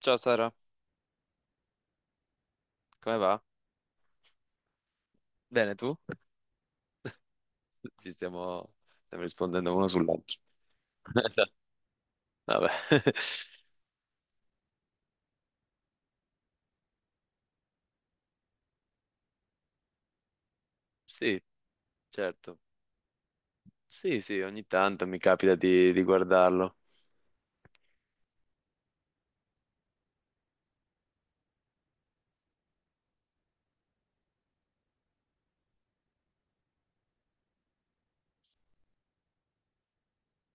Ciao Sara, come va? Bene, tu? Ci stiamo, stiamo rispondendo uno sull'altro. Esatto. Vabbè. Sì, certo. Sì, sì, ogni tanto mi capita di guardarlo.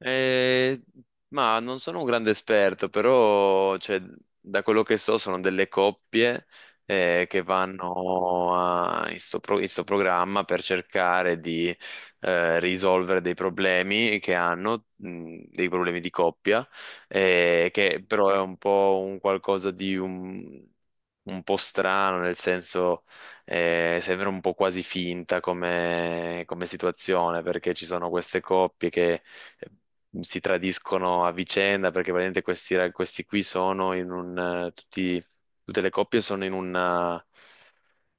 Eh, ma non sono un grande esperto, però cioè, da quello che so sono delle coppie che in sto, in sto programma per cercare di risolvere dei problemi che hanno, dei problemi di coppia, che però è un po' un qualcosa di un po' strano, nel senso sembra un po' quasi finta come come situazione, perché ci sono queste coppie che si tradiscono a vicenda perché praticamente questi, questi qui sono in un tutte le coppie sono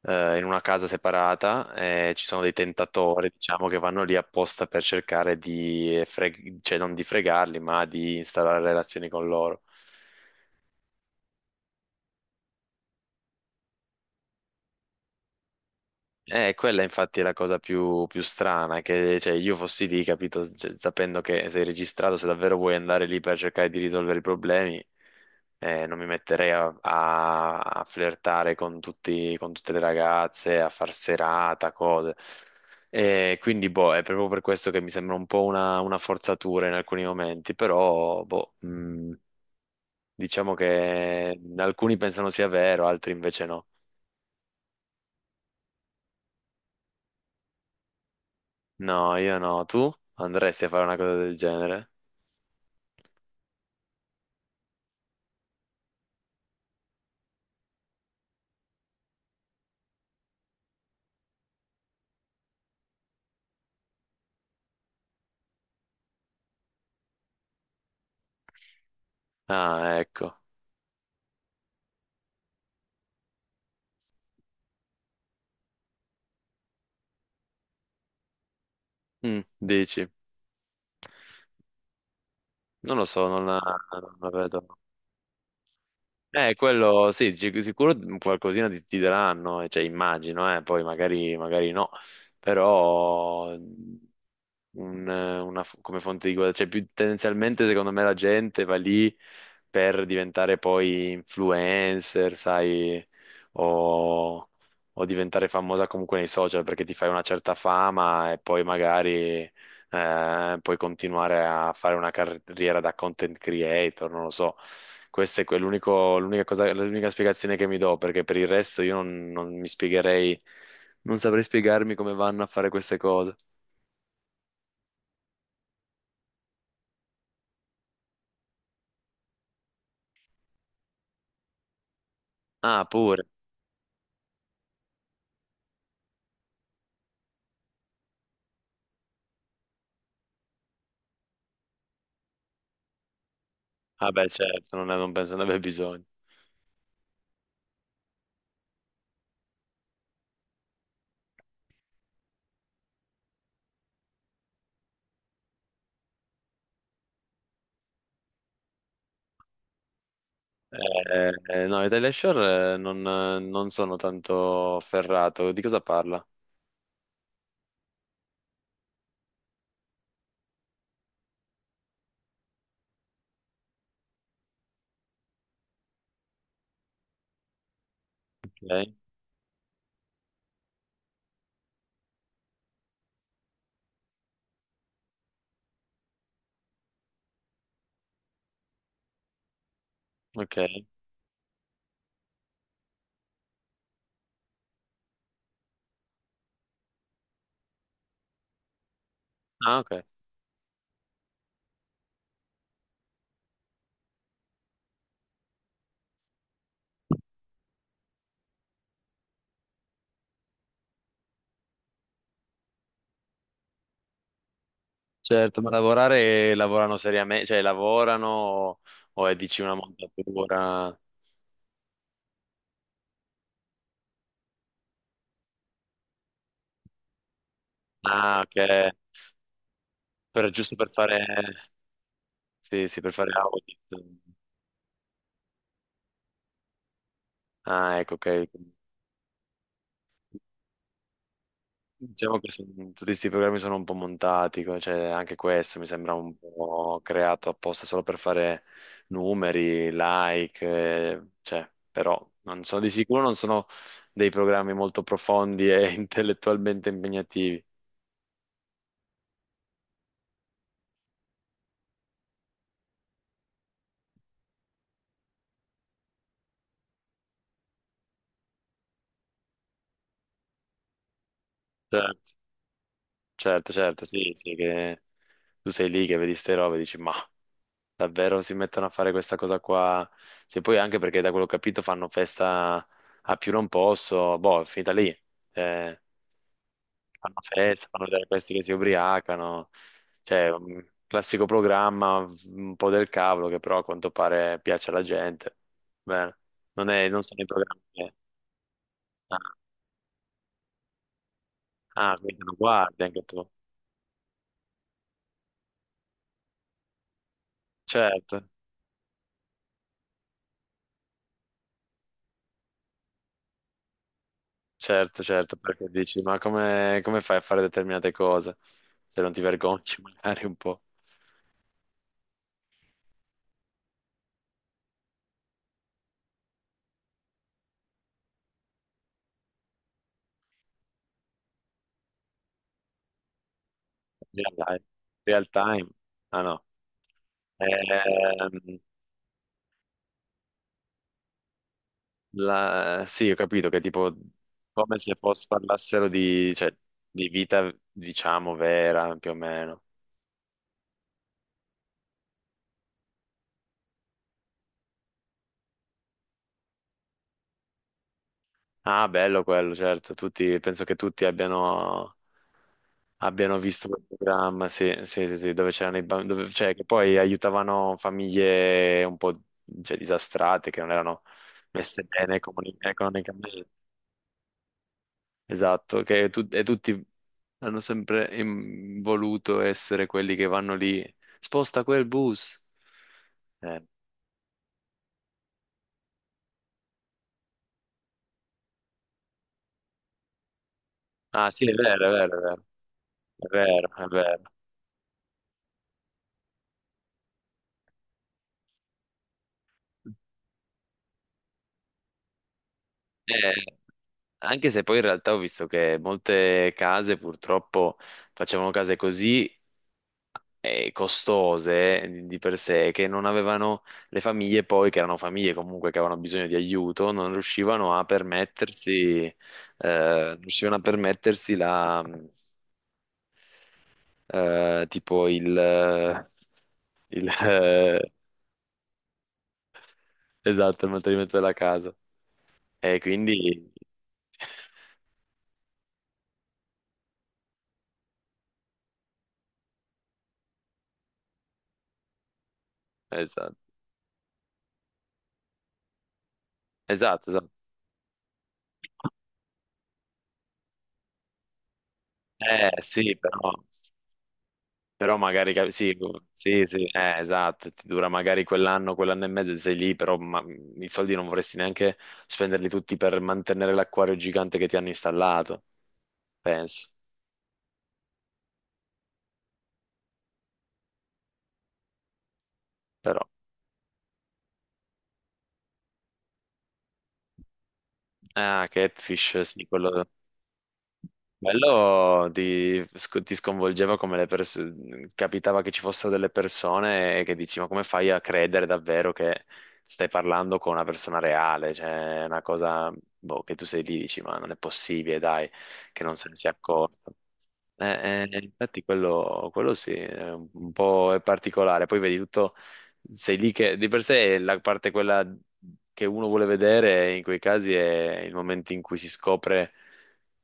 in una casa separata e ci sono dei tentatori, diciamo, che vanno lì apposta per cercare di cioè non di fregarli, ma di instaurare relazioni con loro. E quella infatti è la cosa più, più strana, che cioè, io fossi lì, capito, cioè, sapendo che sei registrato, se davvero vuoi andare lì per cercare di risolvere i problemi, non mi metterei a, a flirtare con con tutte le ragazze, a far serata, cose. E quindi, boh, è proprio per questo che mi sembra un po' una forzatura in alcuni momenti, però, boh, diciamo che alcuni pensano sia vero, altri invece no. No, io no. Tu andresti a fare una cosa del genere? Ah, ecco. Mm, dici? Non lo so, non la, non la vedo. Quello sì, sicuro qualcosina ti, ti daranno, cioè immagino, poi magari, magari no, però una come fonte di guadagno, cioè più tendenzialmente secondo me la gente va lì per diventare poi influencer, sai, o, o diventare famosa comunque nei social perché ti fai una certa fama e poi magari puoi continuare a fare una carriera da content creator, non lo so. Questa è l'unica cosa, l'unica spiegazione che mi do, perché per il resto io non, non mi spiegherei, non saprei spiegarmi come vanno a fare queste cose. Ah, pure. Ah beh, certo, non, non penso ne abbia bisogno. Eh, no, Italia Shore non, non sono tanto ferrato. Di cosa parla? Ok, ok. Ah, ok. Certo, ma lavorare, lavorano seriamente, cioè lavorano o è dici una montatura? Ah, ok. Per, giusto per fare. Sì, sì, per fare audit. Ah, ecco, ok. Diciamo che tutti questi programmi sono un po' montati, cioè anche questo mi sembra un po' creato apposta solo per fare numeri, like, cioè, però non sono di sicuro non sono dei programmi molto profondi e intellettualmente impegnativi. Certo, certo, certo, sì, sì, che tu sei lì che vedi ste robe e dici, ma. Davvero si mettono a fare questa cosa qua. Sì, poi anche perché da quello che ho capito fanno festa a più non posso. Boh, è finita lì. Eh, fanno festa, fanno vedere questi che si ubriacano. Cioè, un classico programma, un po' del cavolo, che però a quanto pare piace alla gente. Bene. Non sono i programmi che... Ah, ah, quindi lo guardi anche tu. Certo, certo, certo, perché dici, ma come, come fai a fare determinate cose? Se non ti vergogni magari un po'. Real life. Real time. Ah no. Ehm, Sì, ho capito che tipo come se fosse parlassero di, cioè, di vita, diciamo, vera, più o meno. Ah, bello quello, certo. Tutti, penso che tutti abbiano, abbiano visto quel programma, sì, sì, sì, sì, dove c'erano i bambini, cioè, che poi aiutavano famiglie un po', cioè, disastrate, che non erano messe bene economicamente. Esatto, e tutti hanno sempre voluto essere quelli che vanno lì, sposta quel bus. Eh. Ah sì, è vero, è vero, è vero, è vero, è vero. Eh, anche se poi in realtà ho visto che molte case purtroppo facevano case così costose di per sé che non avevano le famiglie poi, che erano famiglie comunque che avevano bisogno di aiuto, non riuscivano a permettersi, non riuscivano a permettersi la, tipo il, esatto, il mantenimento della casa. E quindi, esatto, esatto, esatto. Eh sì, però. Però magari sì, sì, sì, esatto, ti dura magari quell'anno, quell'anno e mezzo e sei lì, però i soldi non vorresti neanche spenderli tutti per mantenere l'acquario gigante che ti hanno installato, penso. Però, ah, Catfish, sì, quello Bello ti, ti sconvolgeva come le persone, capitava che ci fossero delle persone che dici, ma come fai a credere davvero che stai parlando con una persona reale? Cioè, è una cosa, boh, che tu sei lì, dici, ma non è possibile, dai, che non se ne sia accorto. Infatti quello, quello sì, è un po' è particolare, poi vedi tutto, sei lì che di per sé la parte quella che uno vuole vedere in quei casi è il momento in cui si scopre,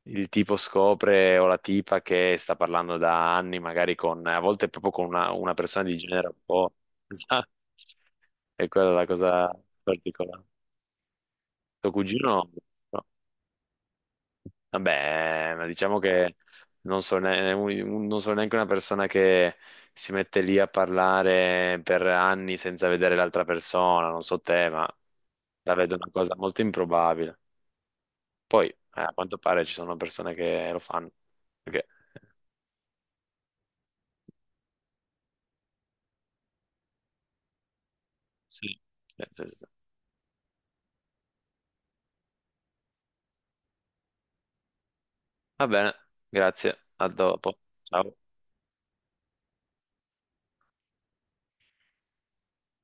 il tipo scopre o la tipa che sta parlando da anni, magari con, a volte proprio con una persona di genere un po'... Esatto. E quella è la cosa particolare. Tuo cugino? No? Vabbè, ma diciamo che non sono, non sono neanche una persona che si mette lì a parlare per anni senza vedere l'altra persona, non so te, ma la vedo una cosa molto improbabile. Poi, a quanto pare ci sono persone che lo fanno. Perché- Sì, sì, sì, sì. Va bene, grazie, a dopo. Ciao.